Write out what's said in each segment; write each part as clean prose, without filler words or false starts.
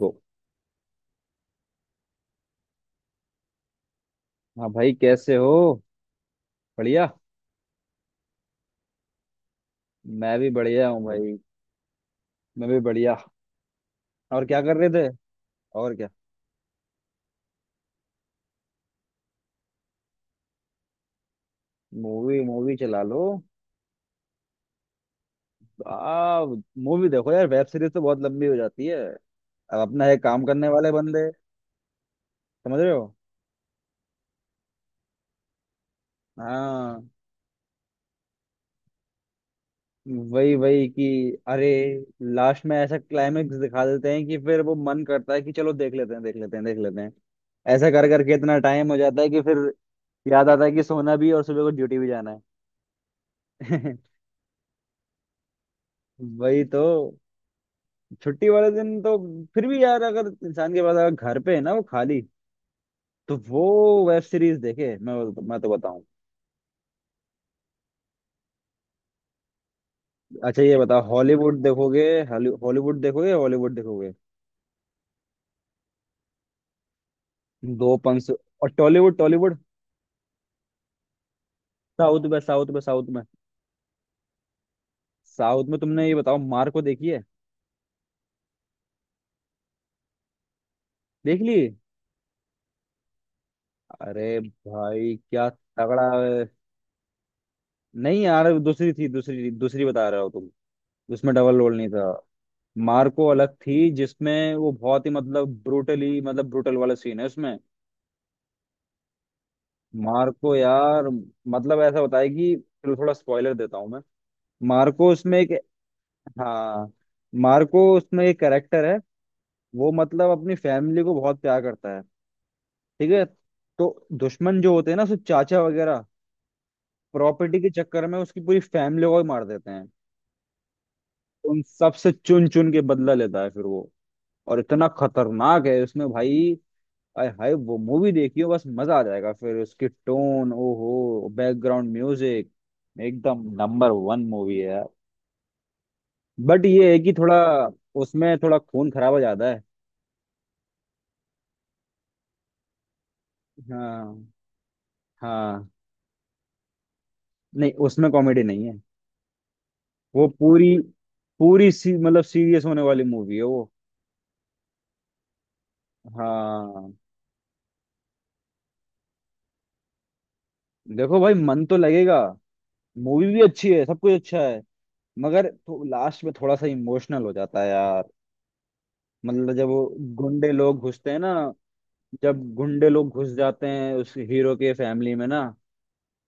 गो। हाँ भाई, कैसे हो? बढ़िया। मैं भी बढ़िया हूँ भाई। मैं भी बढ़िया। और क्या कर रहे थे? और क्या। मूवी मूवी चला लो। आ मूवी देखो यार, वेब सीरीज तो बहुत लंबी हो जाती है। अब अपना है काम करने वाले बंदे। समझ रहे हो? हाँ, वही वही कि, अरे, लास्ट में ऐसा क्लाइमेक्स दिखा देते हैं कि फिर वो मन करता है कि चलो देख लेते हैं, देख लेते हैं, देख लेते हैं। ऐसा कर करके इतना टाइम हो जाता है कि फिर याद आता है कि सोना भी है और सुबह को ड्यूटी भी जाना है। वही तो। छुट्टी वाले दिन तो फिर भी यार, अगर इंसान के पास अगर घर पे है ना वो खाली, तो वो वेब सीरीज देखे, मैं तो बताऊं। अच्छा ये बताओ, हॉलीवुड देखोगे? हॉलीवुड देखोगे? हॉलीवुड देखोगे? दो पंच। और टॉलीवुड टॉलीवुड। साउथ में, साउथ में, साउथ में। साउथ में तुमने ये बताओ, मार्को देखी है? देख ली? अरे भाई क्या तगड़ा है। नहीं यार, दूसरी थी, दूसरी दूसरी बता रहे हो तुम। उसमें डबल रोल नहीं था। मार्को अलग थी जिसमें वो बहुत ही मतलब ब्रूटली, मतलब ब्रूटल वाला सीन है उसमें। मार्को यार, मतलब ऐसा बताया कि चलो थोड़ा स्पॉइलर देता हूँ मैं। मार्को उसमें एक, हाँ मार्को उसमें एक कैरेक्टर है, वो मतलब अपनी फैमिली को बहुत प्यार करता है। ठीक है। तो दुश्मन जो होते हैं ना उसके चाचा वगैरह प्रॉपर्टी के चक्कर में उसकी पूरी फैमिली को ही मार देते हैं। उन सबसे चुन चुन के बदला लेता है फिर वो, और इतना खतरनाक है उसमें भाई। आय हाय वो मूवी देखियो, बस मजा आ जाएगा। फिर उसकी टोन, ओहो, बैकग्राउंड म्यूजिक एकदम नंबर वन मूवी है यार। बट ये है कि थोड़ा उसमें थोड़ा खून खराबा ज्यादा है। हाँ हाँ, नहीं उसमें कॉमेडी नहीं है। वो पूरी पूरी सी, मतलब सीरियस होने वाली मूवी है वो। हाँ, देखो भाई मन तो लगेगा, मूवी भी अच्छी है, सब कुछ अच्छा है। मगर तो लास्ट में थोड़ा सा इमोशनल हो जाता है यार। मतलब जब वो गुंडे लोग घुसते हैं ना, जब गुंडे लोग घुस जाते हैं उस हीरो के फैमिली में ना,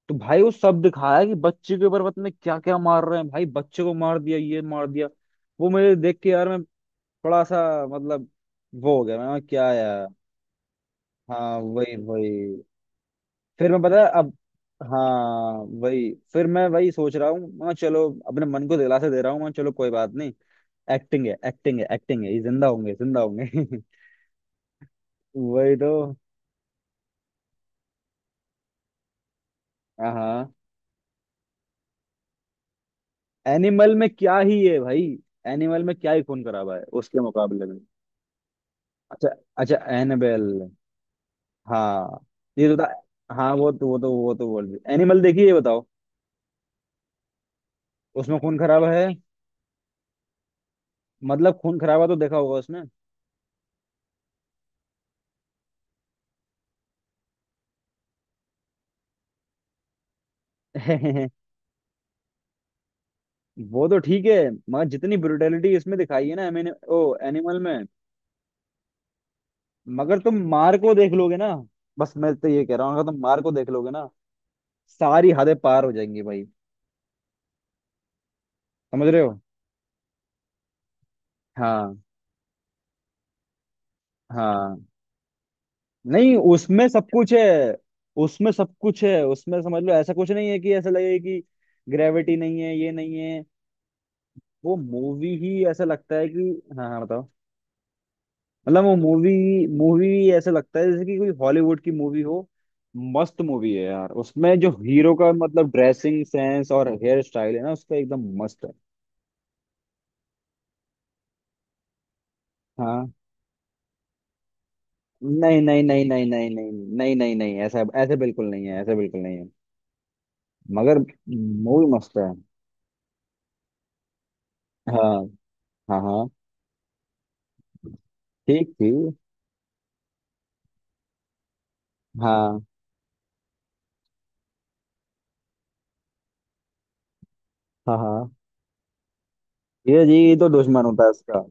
तो भाई वो सब दिखाया है कि बच्चे के ऊपर पता नहीं क्या क्या मार रहे हैं भाई, बच्चे को मार दिया, ये मार दिया। वो मुझे देख के यार, मैं थोड़ा सा मतलब वो हो गया, मैं क्या यार। हाँ वही वही। फिर मैं पता है अब, हाँ वही फिर मैं वही सोच रहा हूँ, मैं चलो अपने मन को दिलासा दे रहा हूँ, मैं चलो कोई बात नहीं, एक्टिंग है, एक्टिंग है, एक्टिंग है, ये जिंदा होंगे, जिंदा होंगे। वही तो। हाँ हाँ। एनिमल में क्या ही है भाई, एनिमल में क्या ही खून खराबा है उसके मुकाबले में। अच्छा, अच्छा एनाबेल। हाँ ये तो था, हाँ वो तो वो तो वो तो बोल रही, एनिमल देखिए ये बताओ। उसमें खून खराबा है, मतलब खून खराबा तो देखा होगा उसमें। वो तो ठीक है, मगर जितनी ब्रुटेलिटी इसमें दिखाई है ना मैंने, ओ एनिमल में। मगर तुम मार को देख लोगे ना। बस मैं तो ये कह रहा हूँ, अगर तुम मार को देख लोगे ना, सारी हदें पार हो जाएंगी भाई। समझ रहे हो? हाँ हाँ। नहीं उसमें सब कुछ है, उसमें सब कुछ है, उसमें समझ लो ऐसा कुछ नहीं है कि ऐसा लगे कि ग्रेविटी नहीं है, ये नहीं है। वो मूवी ही ऐसा लगता है कि, हाँ हाँ बताओ। मतलब वो मूवी, मूवी ही ऐसा लगता है जैसे कि कोई हॉलीवुड की मूवी हो। मस्त मूवी है यार, उसमें जो हीरो का मतलब ड्रेसिंग सेंस और हेयर स्टाइल है ना उसका एकदम मस्त है। हाँ नहीं नहीं नहीं नहीं नहीं नहीं नहीं नहीं नहीं, ऐसा ऐसे बिल्कुल नहीं है, ऐसे बिल्कुल नहीं है। मगर मूवी मस्त है। हाँ हाँ हाँ, ठीक थी। हाँ हाँ हाँ, ये जी ये तो दुश्मन होता है उसका।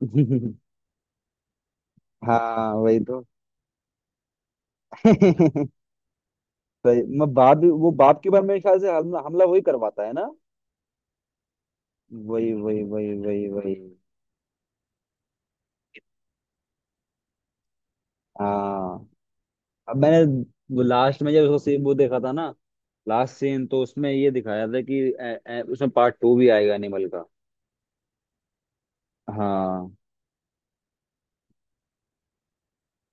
हाँ वही तो। सही, मैं बाप भी वो बाप के बारे में मेरे ख्याल से हमला हमला वही करवाता है ना। वही वही वही वही वही। हाँ अब मैंने, वो लास्ट में जब उसको सीन वो देखा था ना, लास्ट सीन तो उसमें ये दिखाया था कि ए, ए, उसमें पार्ट 2 भी आएगा एनिमल का। हाँ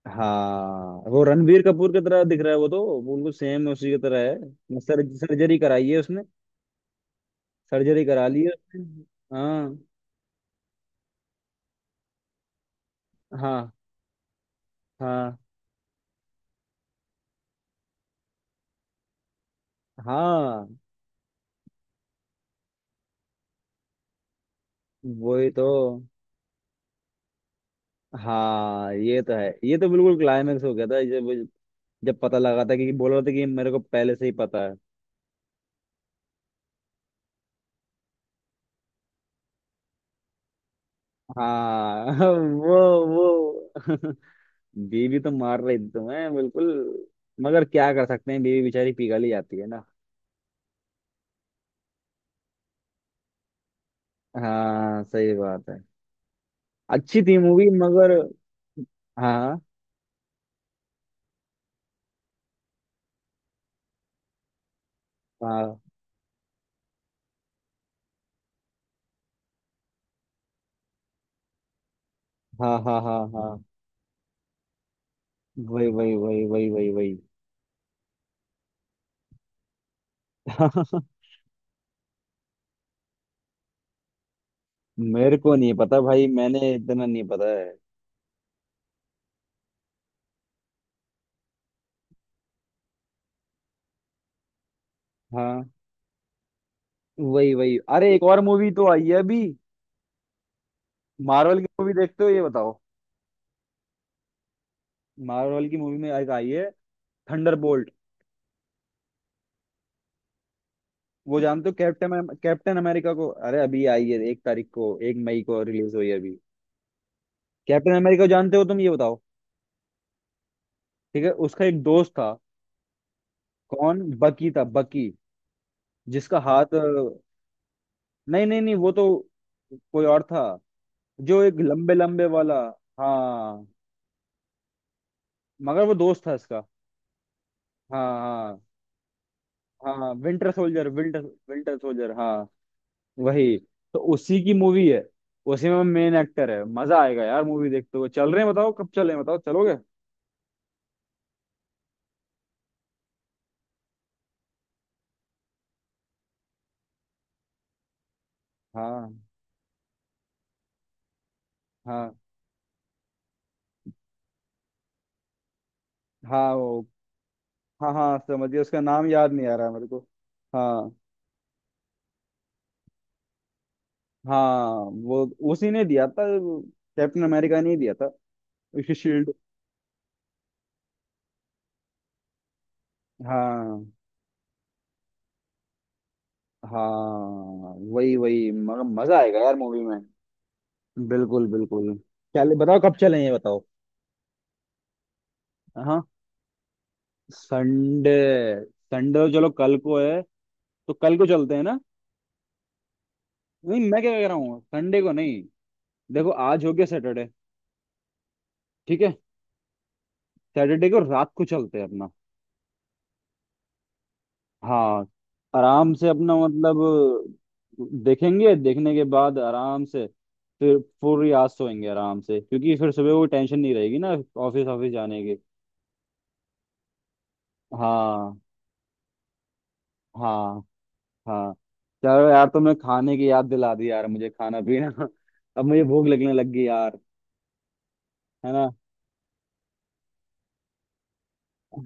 हाँ, वो रणबीर कपूर की तरह दिख रहा है, वो तो वो बिल्कुल सेम उसी की तरह है, सर सर्जरी कराई है उसने, सर्जरी करा ली है उसने। हाँ हाँ हाँ हाँ वही तो। हाँ ये तो है, ये तो बिल्कुल क्लाइमेक्स हो गया था जब, जब पता लगा था कि बोल रहा था कि मेरे को पहले से ही पता है। हाँ वो वो। बीवी तो मार रही थी तुम्हें बिल्कुल, मगर क्या कर सकते हैं बीवी बेचारी पिघल ही जाती है ना। हाँ सही बात है, अच्छी थी मूवी मगर। हाँ हाँ हाँ हाँ हाँ हाँ। वही वही वही वही वही वही। मेरे को नहीं पता भाई, मैंने इतना नहीं पता है। हाँ वही वही। अरे एक और मूवी तो आई है अभी, मार्वल की मूवी देखते हो ये बताओ? मार्वल की मूवी में एक आई है, थंडरबोल्ट। वो जानते हो, कैप्टन कैप्टन अमेरिका को, अरे अभी आई है, 1 तारीख को, 1 मई को रिलीज हुई है अभी। कैप्टन अमेरिका जानते हो तुम ये बताओ? ठीक है, उसका एक दोस्त था, कौन बकी था, बकी, जिसका हाथ नहीं नहीं नहीं वो तो कोई और था, जो एक लंबे लंबे वाला। हाँ मगर वो दोस्त था इसका। हाँ हाँ। हाँ winter soldier, winter, winter soldier हाँ। वही, तो उसी की मूवी है, उसी में मेन एक्टर है, मजा आएगा यार मूवी देखते हुए। चल रहे हैं बताओ, कब चल रहे हैं बताओ, चलोगे? हाँ हाँ हाँ, वो हाँ हाँ समझ गया, उसका नाम याद नहीं आ रहा है मेरे को। हाँ हाँ वो, उसी ने दिया था, कैप्टन अमेरिका ने ही दिया था उसकी शील्ड। हाँ हाँ वही वही, मगर मजा आएगा यार मूवी में। बिल्कुल बिल्कुल। चल बताओ कब चलें ये बताओ। हाँ। संडे, संडे चलो कल को है, तो कल को चलते हैं ना? नहीं मैं क्या कह रहा हूँ, संडे को नहीं, देखो आज हो गया सैटरडे, ठीक है? सैटरडे को रात को चलते हैं अपना। हाँ, आराम से अपना मतलब देखेंगे, देखने के बाद आराम से फिर पूरी रात सोएंगे आराम से क्योंकि फिर सुबह वो टेंशन नहीं रहेगी ना, ऑफिस ऑफिस जाने की। हाँ हाँ। हाँ चलो यार, तुमने खाने की याद दिला दी यार, मुझे खाना पीना अब मुझे भूख लगने लग गई यार। है ना।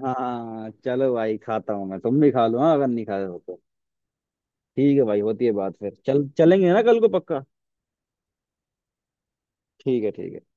हाँ चलो भाई, खाता हूँ मैं, तुम भी खा लो, हाँ अगर नहीं खा रहे हो तो। ठीक है भाई, होती है बात, फिर चल चलेंगे ना कल को पक्का। ठीक है, ठीक है।